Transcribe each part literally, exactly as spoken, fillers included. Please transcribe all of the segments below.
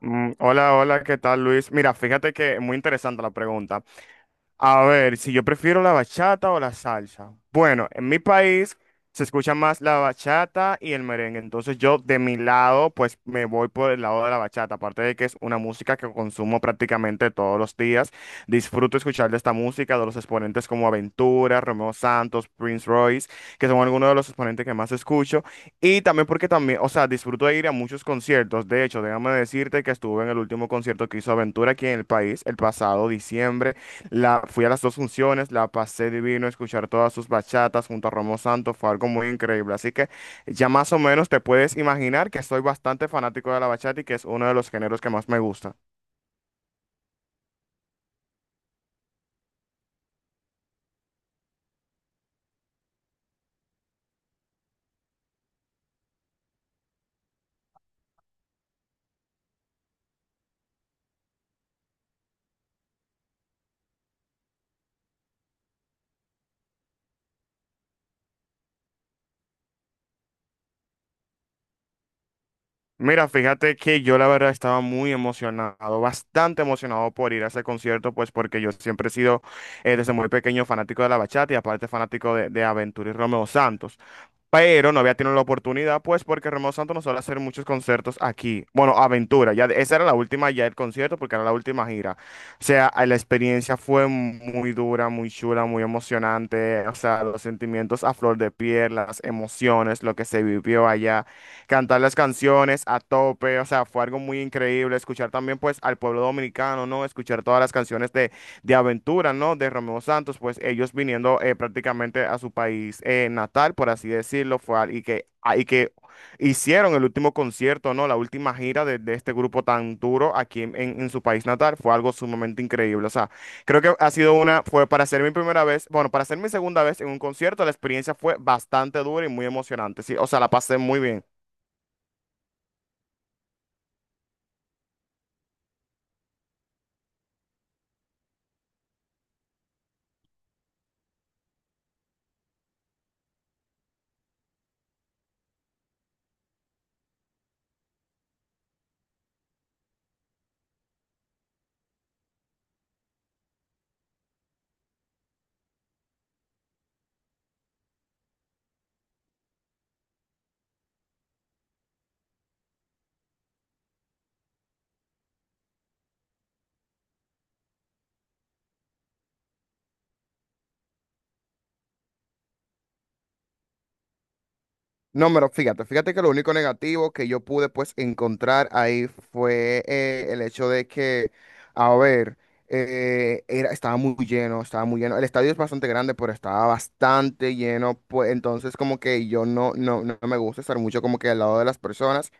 Mm, Hola, hola, ¿qué tal, Luis? Mira, fíjate que muy interesante la pregunta. A ver, si yo prefiero la bachata o la salsa. Bueno, en mi país se escucha más la bachata y el merengue. Entonces yo de mi lado, pues me voy por el lado de la bachata. Aparte de que es una música que consumo prácticamente todos los días. Disfruto escuchar de esta música, de los exponentes como Aventura, Romeo Santos, Prince Royce, que son algunos de los exponentes que más escucho. Y también porque también, o sea, disfruto de ir a muchos conciertos. De hecho, déjame decirte que estuve en el último concierto que hizo Aventura aquí en el país el pasado diciembre. La, fui a las dos funciones, la pasé divino, escuchar todas sus bachatas junto a Romo Santos fue algo muy increíble. Así que ya más o menos te puedes imaginar que soy bastante fanático de la bachata y que es uno de los géneros que más me gusta. Mira, fíjate que yo la verdad estaba muy emocionado, bastante emocionado por ir a ese concierto, pues porque yo siempre he sido eh, desde muy pequeño fanático de la bachata y aparte fanático de, de Aventura y Romeo Santos. Pero no había tenido la oportunidad, pues porque Romeo Santos no suele hacer muchos conciertos aquí. Bueno, Aventura, ya de- esa era la última ya el concierto porque era la última gira. O sea, eh, la experiencia fue muy dura, muy chula, muy emocionante, o sea, los sentimientos a flor de piel, las emociones, lo que se vivió allá, cantar las canciones a tope, o sea, fue algo muy increíble escuchar también pues al pueblo dominicano, ¿no? Escuchar todas las canciones de de aventuras, ¿no? De Romeo Santos, pues ellos viniendo eh, prácticamente a su país eh, natal, por así decirlo, fue al- y que, ah, y que hicieron el último concierto, ¿no? La última gira de, de este grupo tan duro aquí en, en- en su país natal, fue algo sumamente increíble, o sea, creo que ha sido una, fue para ser mi primera vez, bueno, para ser mi segunda vez en un concierto, la experiencia fue bastante dura y muy emocionante, sí, o sea, la pasé muy bien. No, pero fíjate, fíjate que lo único negativo que yo pude pues encontrar ahí fue eh, el hecho de que, a ver, eh, era, estaba muy lleno, estaba muy lleno. El estadio es bastante grande, pero estaba bastante lleno, pues entonces como que yo no, no, no me gusta estar mucho como que al lado de las personas.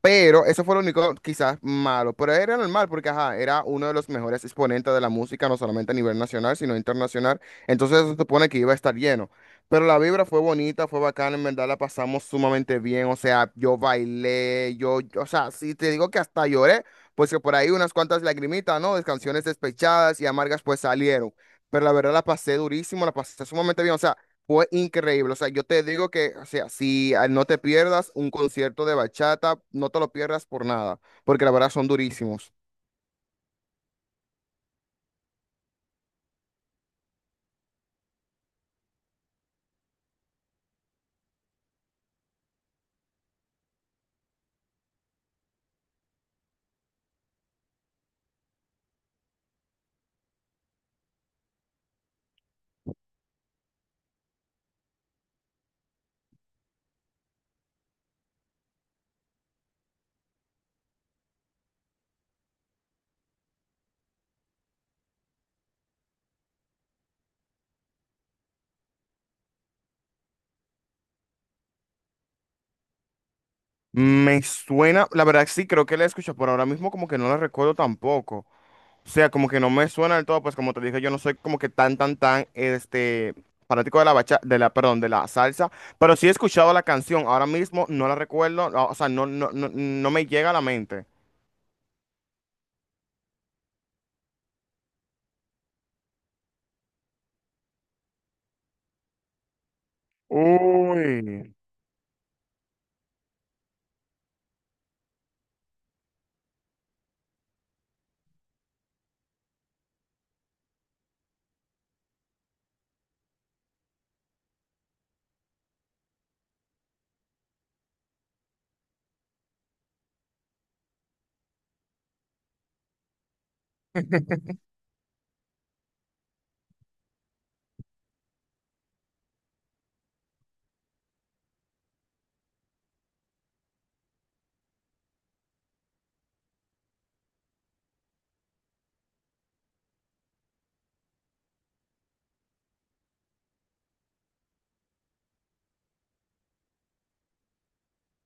Pero eso fue lo único quizás malo, pero era normal porque ajá, era uno de los mejores exponentes de la música, no solamente a nivel nacional, sino internacional. Entonces se supone que iba a estar lleno. Pero la vibra fue bonita, fue bacana, en verdad la pasamos sumamente bien. O sea, yo bailé, yo, yo- o sea, si te digo que hasta lloré, pues que por ahí unas cuantas lagrimitas, ¿no? De canciones despechadas y amargas pues salieron. Pero la verdad la pasé durísimo, la pasé sumamente bien. O sea, fue increíble, o sea, yo te digo que, o sea, si ah, no te pierdas un concierto de bachata, no te lo pierdas por nada, porque la verdad son durísimos. Me suena, la verdad sí, creo que la he escuchado, pero ahora mismo como que no la recuerdo tampoco. O sea, como que no me suena del todo, pues como te dije, yo no soy como que tan, tan, tan, este, fanático de la bacha, de la, perdón, de la salsa, pero sí he escuchado la canción, ahora mismo no la recuerdo, no, o sea, no, no, no, no me llega a la mente. Uy.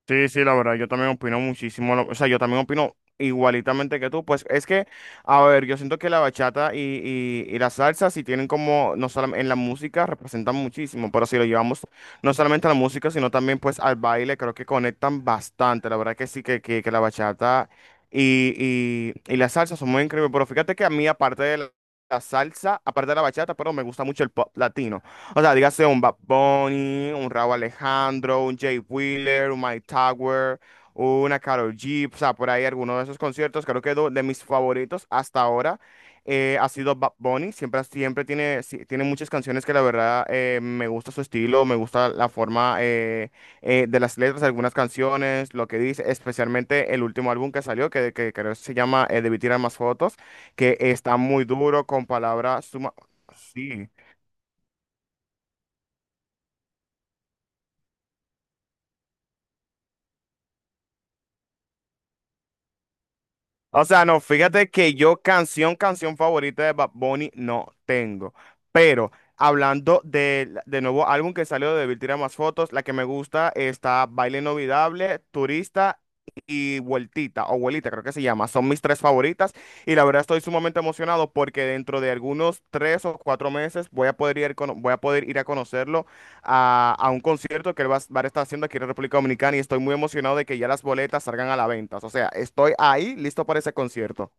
Sí, sí, la verdad, yo también opino muchísimo, lo- o sea, yo también opino igualitamente que tú, pues es que, a ver, yo siento que la bachata y, y, y la salsa sí tienen como, no solamente en la música, representan muchísimo, pero si lo llevamos no solamente a la música, sino también pues al baile, creo que conectan bastante, la verdad que sí, que, que, que la bachata y, y, y la salsa son muy increíbles, pero fíjate que a mí aparte de la la salsa, aparte de la bachata, pero me gusta mucho el pop latino. O sea, dígase un Bad Bunny, un Rauw Alejandro, un Jay Wheeler, un Mike Tower, una Karol G, o sea, por ahí alguno de esos conciertos. Creo que do- de mis favoritos hasta ahora eh, ha sido Bad Bunny. Siempre, siempre tiene, sí, tiene muchas canciones que la verdad eh, me gusta su estilo, me gusta la forma eh, eh, de las letras, algunas canciones, lo que dice, especialmente el último álbum que salió, que, que creo que se llama eh, Debí tirar más fotos, que está muy duro con palabras suma... Sí. O sea, no, fíjate que yo canción, canción favorita de Bad Bunny no tengo. Pero hablando del de nuevo álbum que salió de Devil Tira Más Fotos, la que me gusta está Baile Inolvidable, Turista y Vueltita, o Vuelita creo que se llama. Son mis tres favoritas y la verdad estoy sumamente emocionado porque dentro de algunos tres o cuatro meses voy a poder ir, cono- voy a poder ir a conocerlo a, a un concierto que él va, va a estar haciendo aquí en República Dominicana y estoy muy emocionado de que ya las boletas salgan a la venta. O sea, estoy ahí listo para ese concierto.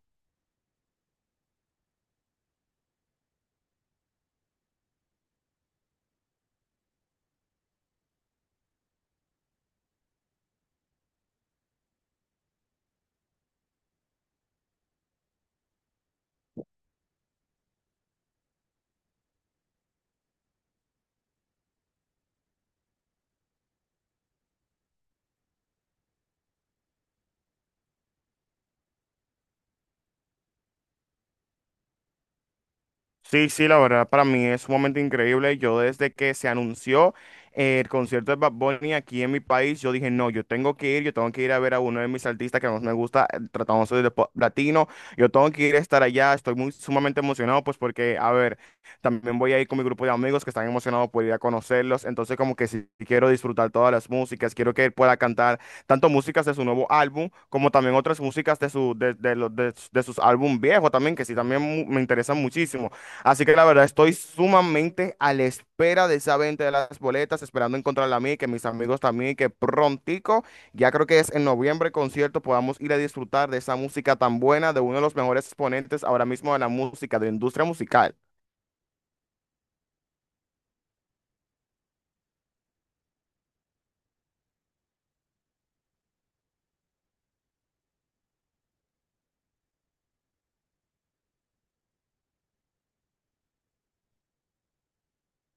Sí, sí, la verdad para mí es sumamente increíble. Yo desde que se anunció eh, el concierto de Bad Bunny aquí en mi país, yo dije, no, yo tengo que ir, yo tengo que ir a ver a uno de mis artistas que más me gusta, eh, tratándose de pop latino, yo tengo que ir a estar allá, estoy muy sumamente emocionado, pues porque, a ver, también voy a ir con mi grupo de amigos que están emocionados por ir a conocerlos, entonces como que sí quiero disfrutar todas las músicas, quiero que él pueda cantar tanto músicas de su nuevo álbum como también otras músicas de, su, de, de, los- de de sus álbum viejos también, que sí, también mu- me interesan muchísimo. Así que la verdad estoy sumamente a la espera de esa venta de las boletas, esperando encontrarla a mí, que mis amigos también, que prontico, ya creo que es en noviembre el concierto, podamos ir a disfrutar de esa música tan buena, de uno de los mejores exponentes ahora mismo de la música, de la industria musical.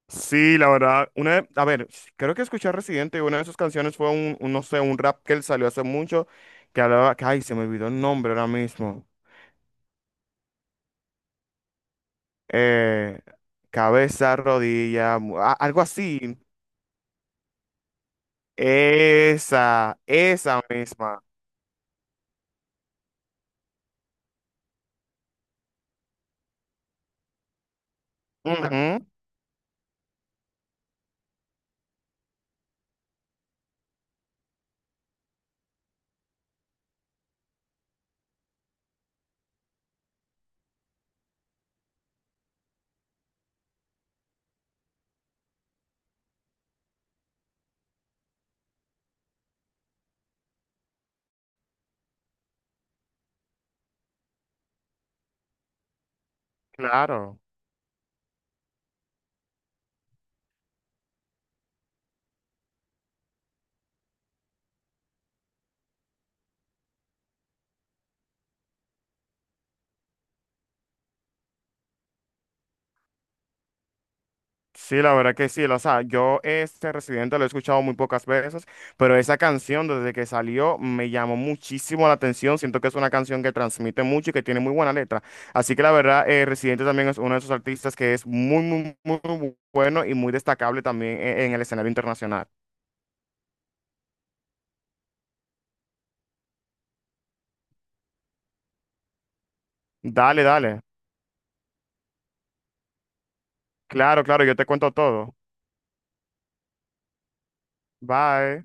Sí, la verdad, una, de- a ver, creo que escuché a Residente y una de sus canciones fue un, un, no sé, un rap que él salió hace mucho, que hablaba, que, ay, se me olvidó el nombre ahora mismo. Eh, cabeza, rodilla, mu- a- algo así. Esa, esa misma. Ujú, claro. Sí, la verdad que sí. O sea, yo este Residente lo he escuchado muy pocas veces, pero esa canción desde que salió me llamó muchísimo la atención. Siento que es una canción que transmite mucho y que tiene muy buena letra. Así que la verdad, eh, Residente también es uno de esos artistas que es muy, muy, muy, muy bueno y muy destacable también en en el escenario internacional. Dale, dale. Claro, claro, yo te cuento todo. Bye.